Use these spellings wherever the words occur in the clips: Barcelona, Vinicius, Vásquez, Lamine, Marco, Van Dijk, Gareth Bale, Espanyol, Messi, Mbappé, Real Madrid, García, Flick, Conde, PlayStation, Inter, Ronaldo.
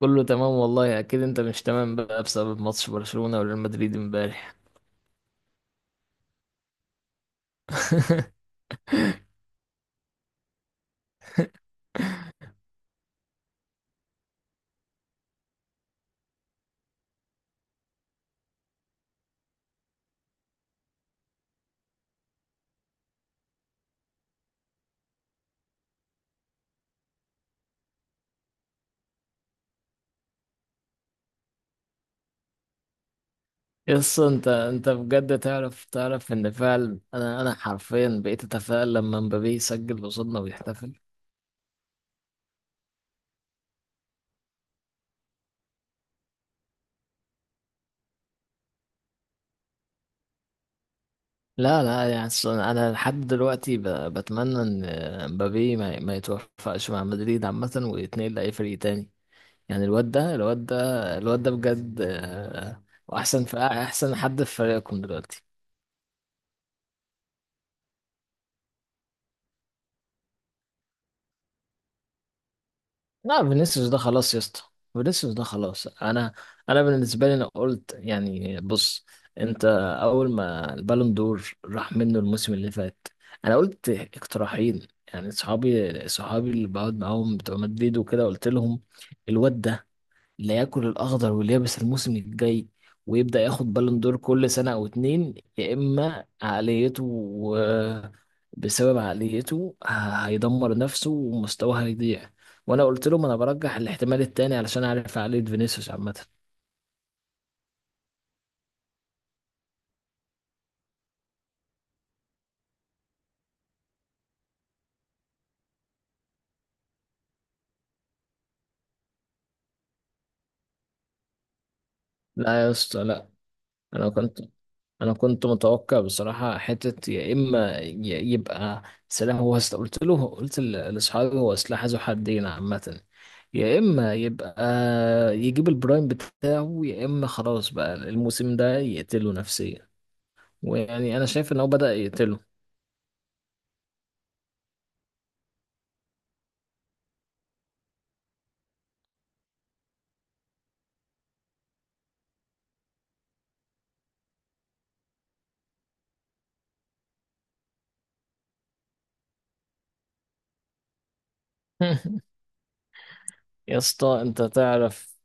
كله تمام والله. اكيد انت مش تمام بقى بسبب ماتش برشلونة وريال مدريد امبارح. يس، انت بجد تعرف ان فعلا انا حرفيا بقيت اتفائل لما مبابي يسجل قصادنا ويحتفل. لا لا، يعني أصل انا لحد دلوقتي بتمنى ان مبابي ما يتوفقش مع مدريد عامة ويتنقل لاي فريق تاني. يعني الواد ده بجد، واحسن في احسن حد في فريقكم دلوقتي. لا، فينيسيوس ده خلاص يا اسطى. فينيسيوس ده خلاص. انا، انا بالنسبه لي، انا قلت يعني بص. انت، اول ما البالون دور راح منه الموسم اللي فات، انا قلت اقتراحين. يعني صحابي اللي بقعد معاهم بتوع مدريد وكده، قلت لهم الواد ده لا ياكل الاخضر واليابس الموسم الجاي ويبدا ياخد بالون دور كل سنه او اتنين. يا اما بسبب هيدمر نفسه ومستواه هيضيع. وانا قلت لهم انا برجح الاحتمال التاني، علشان اعرف عقليه فينيسيوس عامه. لا يا اسطى لا. انا كنت انا كنت متوقع بصراحه حته. يا اما يبقى قلت له، لاصحابي هو سلاح ذو حدين عامه. يا اما يبقى يجيب البرايم بتاعه، يا اما خلاص بقى الموسم ده يقتله نفسيا. ويعني انا شايف ان هو بدأ يقتله. يا اسطى انت تعرف.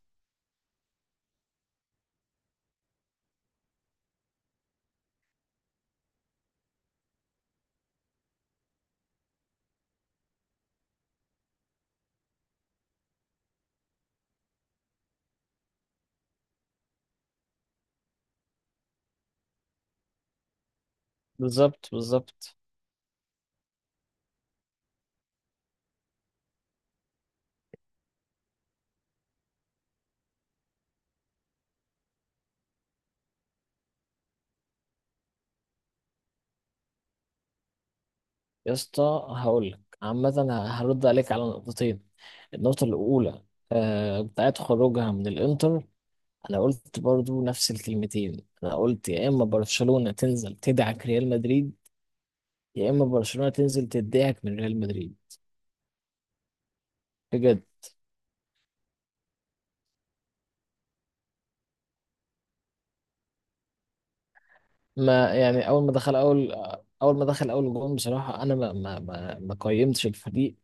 بالظبط، بالظبط. يا اسطى هقول لك عامه، هرد عليك على نقطتين. النقطه الاولى، بتاعت خروجها من الانتر، انا قلت برضو نفس الكلمتين، انا قلت يا اما برشلونة تنزل تدعك ريال مدريد، يا اما برشلونة تنزل تدعك من ريال مدريد. بجد. ما يعني اول ما دخل اول. اول ما دخل اول جون بصراحة، انا ما قيمتش الفريق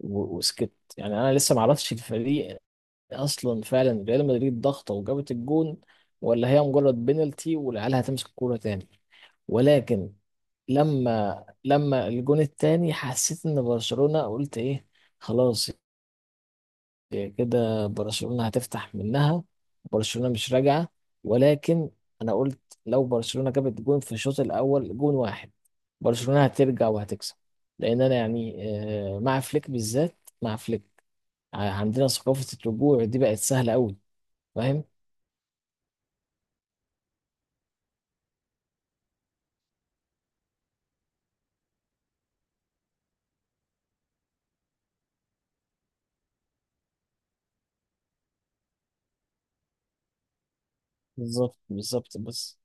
وسكت. يعني انا لسه ما عرفتش الفريق اصلا، فعلا ريال مدريد ضغطه وجابت الجون، ولا هي مجرد بينالتي والعيال هتمسك الكوره تاني؟ ولكن لما الجون التاني حسيت ان برشلونة، قلت ايه؟ خلاص، إيه كده، برشلونة هتفتح منها. برشلونة مش راجعة. ولكن انا قلت لو برشلونة جابت جون في الشوط الاول، جون واحد، برشلونة هترجع وهتكسب. لان انا يعني، مع فليك بالذات. مع فليك عندنا ثقافة الرجوع دي بقت سهلة قوي. فاهم؟ بالظبط بالظبط بس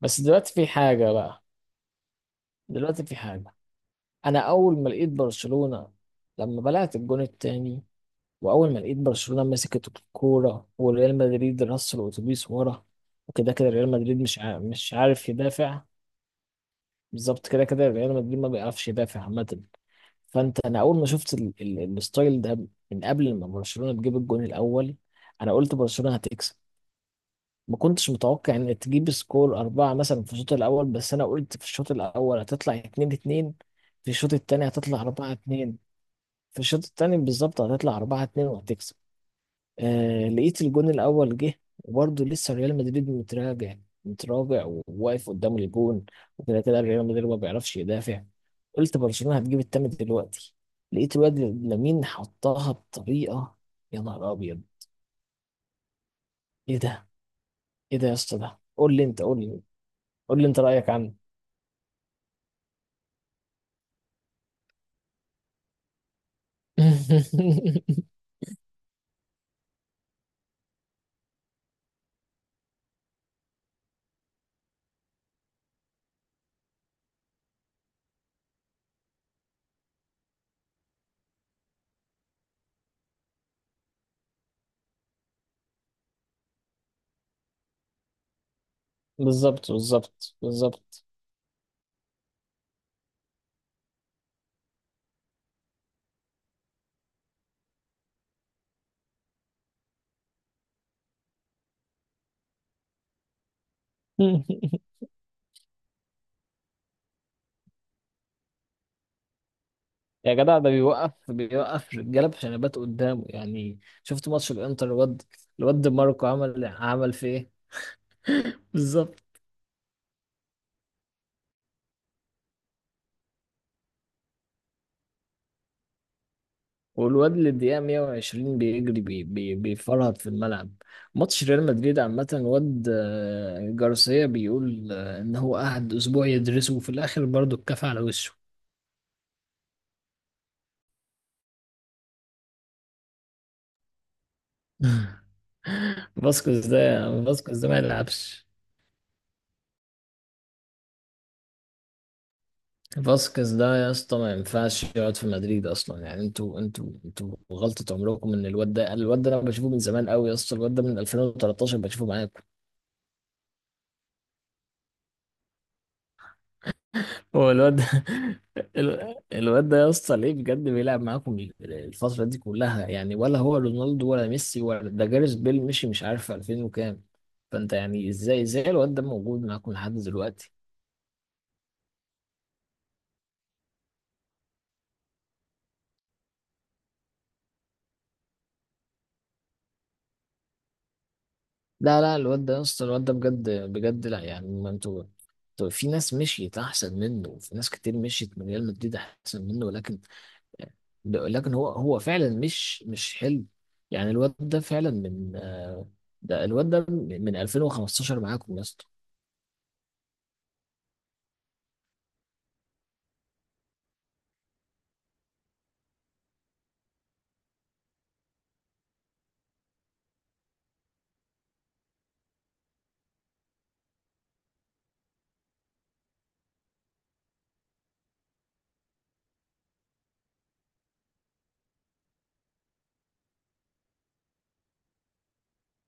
بس دلوقتي في حاجة بقى. دلوقتي في حاجة. أنا أول ما لقيت برشلونة لما بلعت الجون التاني، وأول ما لقيت برشلونة مسكت الكورة وريال مدريد رص الأتوبيس ورا، وكده كده ريال مدريد مش عارف يدافع. بالظبط، كده كده ريال مدريد ما بيعرفش يدافع عامة. فأنت، أنا أول ما شفت الستايل ده من قبل ما برشلونة تجيب الجون الأول، أنا قلت برشلونة هتكسب. ما كنتش متوقع ان تجيب سكور اربعة مثلا في الشوط الاول، بس انا قلت في الشوط الاول هتطلع اتنين اتنين، في الشوط التاني هتطلع اربعة اتنين. في الشوط التاني بالظبط هتطلع اربعة اتنين وهتكسب. آه، لقيت الجون الاول جه وبرضه لسه ريال مدريد متراجع، متراجع وواقف قدام الجون، وكده كده ريال مدريد ما بيعرفش يدافع. قلت برشلونة هتجيب التامن دلوقتي. لقيت الواد لامين حطها بطريقة، يا نهار ابيض! ايه ده؟ ايه ده يا اسطى؟ ده قول لي انت، قول لي، قول لي انت رأيك عنه. بالظبط، بالظبط، بالظبط. يا جدع، ده بيوقف رجاله بشنبات قدامه. يعني شفت ماتش الانتر؟ الواد، الواد دي ماركو عمل في ايه؟ بالظبط. والواد اللي الدقيقه 120 بيجري، بي بي بيفرهد في الملعب. ماتش ريال مدريد عامه، الواد، جارسيا بيقول ان هو قعد اسبوع يدرسه وفي الاخر برضه اتكفى على وشه. فاسكيز ده، ما يلعبش. فاسكيز ده يا اسطى ما ينفعش يقعد في مدريد اصلا. يعني انتوا غلطة عمركم ان الواد ده. انا بشوفه من زمان قوي يا اسطى. الواد ده من 2013 بشوفه معاكم. هو الواد ده. الواد ده يا اسطى، ليه بجد بيلعب معاكم الفترة دي كلها؟ يعني ولا هو رونالدو، ولا ميسي، ولا ده جاريث بيل، مشي مش عارف 2000 وكام. فانت يعني ازاي الواد ده موجود معاكم لحد دلوقتي؟ لا لا، الواد ده يا اسطى، الواد ده بجد بجد لا. يعني ما انتوا، انتوا في ناس مشيت احسن منه، وفي ناس كتير مشيت من ريال مدريد احسن منه، ولكن لكن هو فعلا مش حلو. يعني الواد ده فعلا من، ده الواد ده من 2015 معاكم يا اسطى.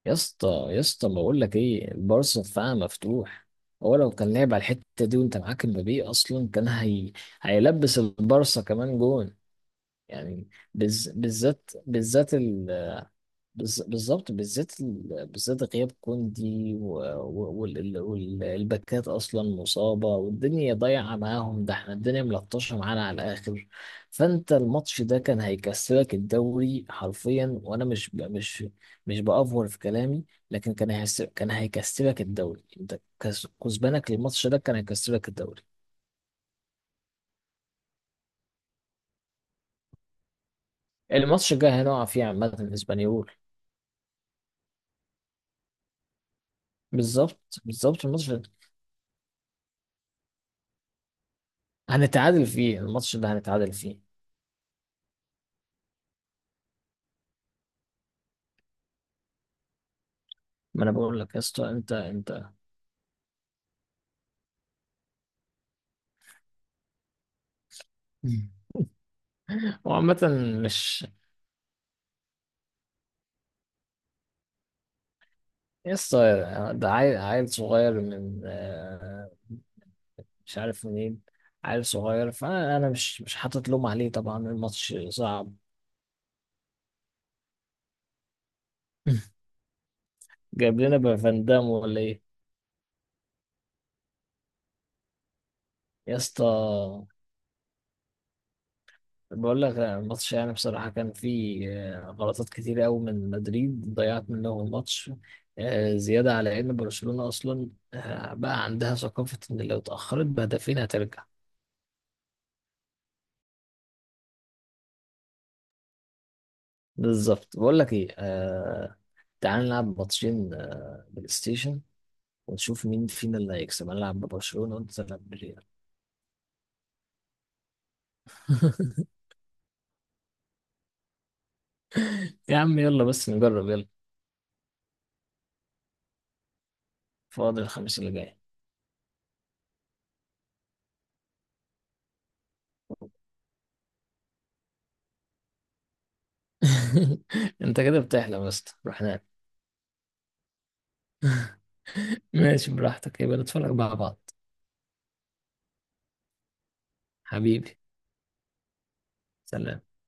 يا اسطى يا اسطى بقول لك ايه، البارسا دفاعها مفتوح. هو لو كان لعب على الحته دي وانت معاك مبابي اصلا، كان هيلبس البارسا كمان جون. يعني بالذات، بالذات، بالظبط، بالذات بالذات غياب كوندي والباكات اصلا مصابه والدنيا ضايعه معاهم ده. احنا الدنيا ملطشه معانا على الاخر. فانت الماتش ده كان هيكسبك الدوري حرفيا، وانا مش ب- مش مش بافور في كلامي، لكن كان كان هيكسبك الدوري. انت كسبانك للماتش ده كان هيكسبك الدوري. الماتش الجاي هنقع فيه عامه، الاسبانيول. بالظبط، بالظبط. الماتش ده هنتعادل فيه. الماتش ده هنتعادل فيه. ما انا بقول لك يا اسطى، انت انت هو عامة، مش، يا اسطى ده عيل صغير من، مش عارف منين. عيل صغير، فانا، انا مش حاطط لوم عليه طبعا، الماتش صعب. جايب لنا فان دام ولا ايه؟ يا اسطى بقول لك الماتش يعني بصراحة كان فيه، غلطات كتير قوي من مدريد ضيعت منهم الماتش، زيادة على ان برشلونة اصلا بقى عندها ثقافة ان لو اتأخرت بهدفين هترجع. بالظبط. بقول لك ايه، تعال نلعب ماتشين، بلاي ستيشن، ونشوف مين فينا اللي هيكسب. انا العب ببرشلونة وانت تلعب بالريال. يا عم يلا بس نجرب، يلا. فاضل الخميس اللي جاي. انت كده بتحلم، بس روح نام. ماشي براحتك، يبقى نتفرج مع بعض. حبيبي. سلام.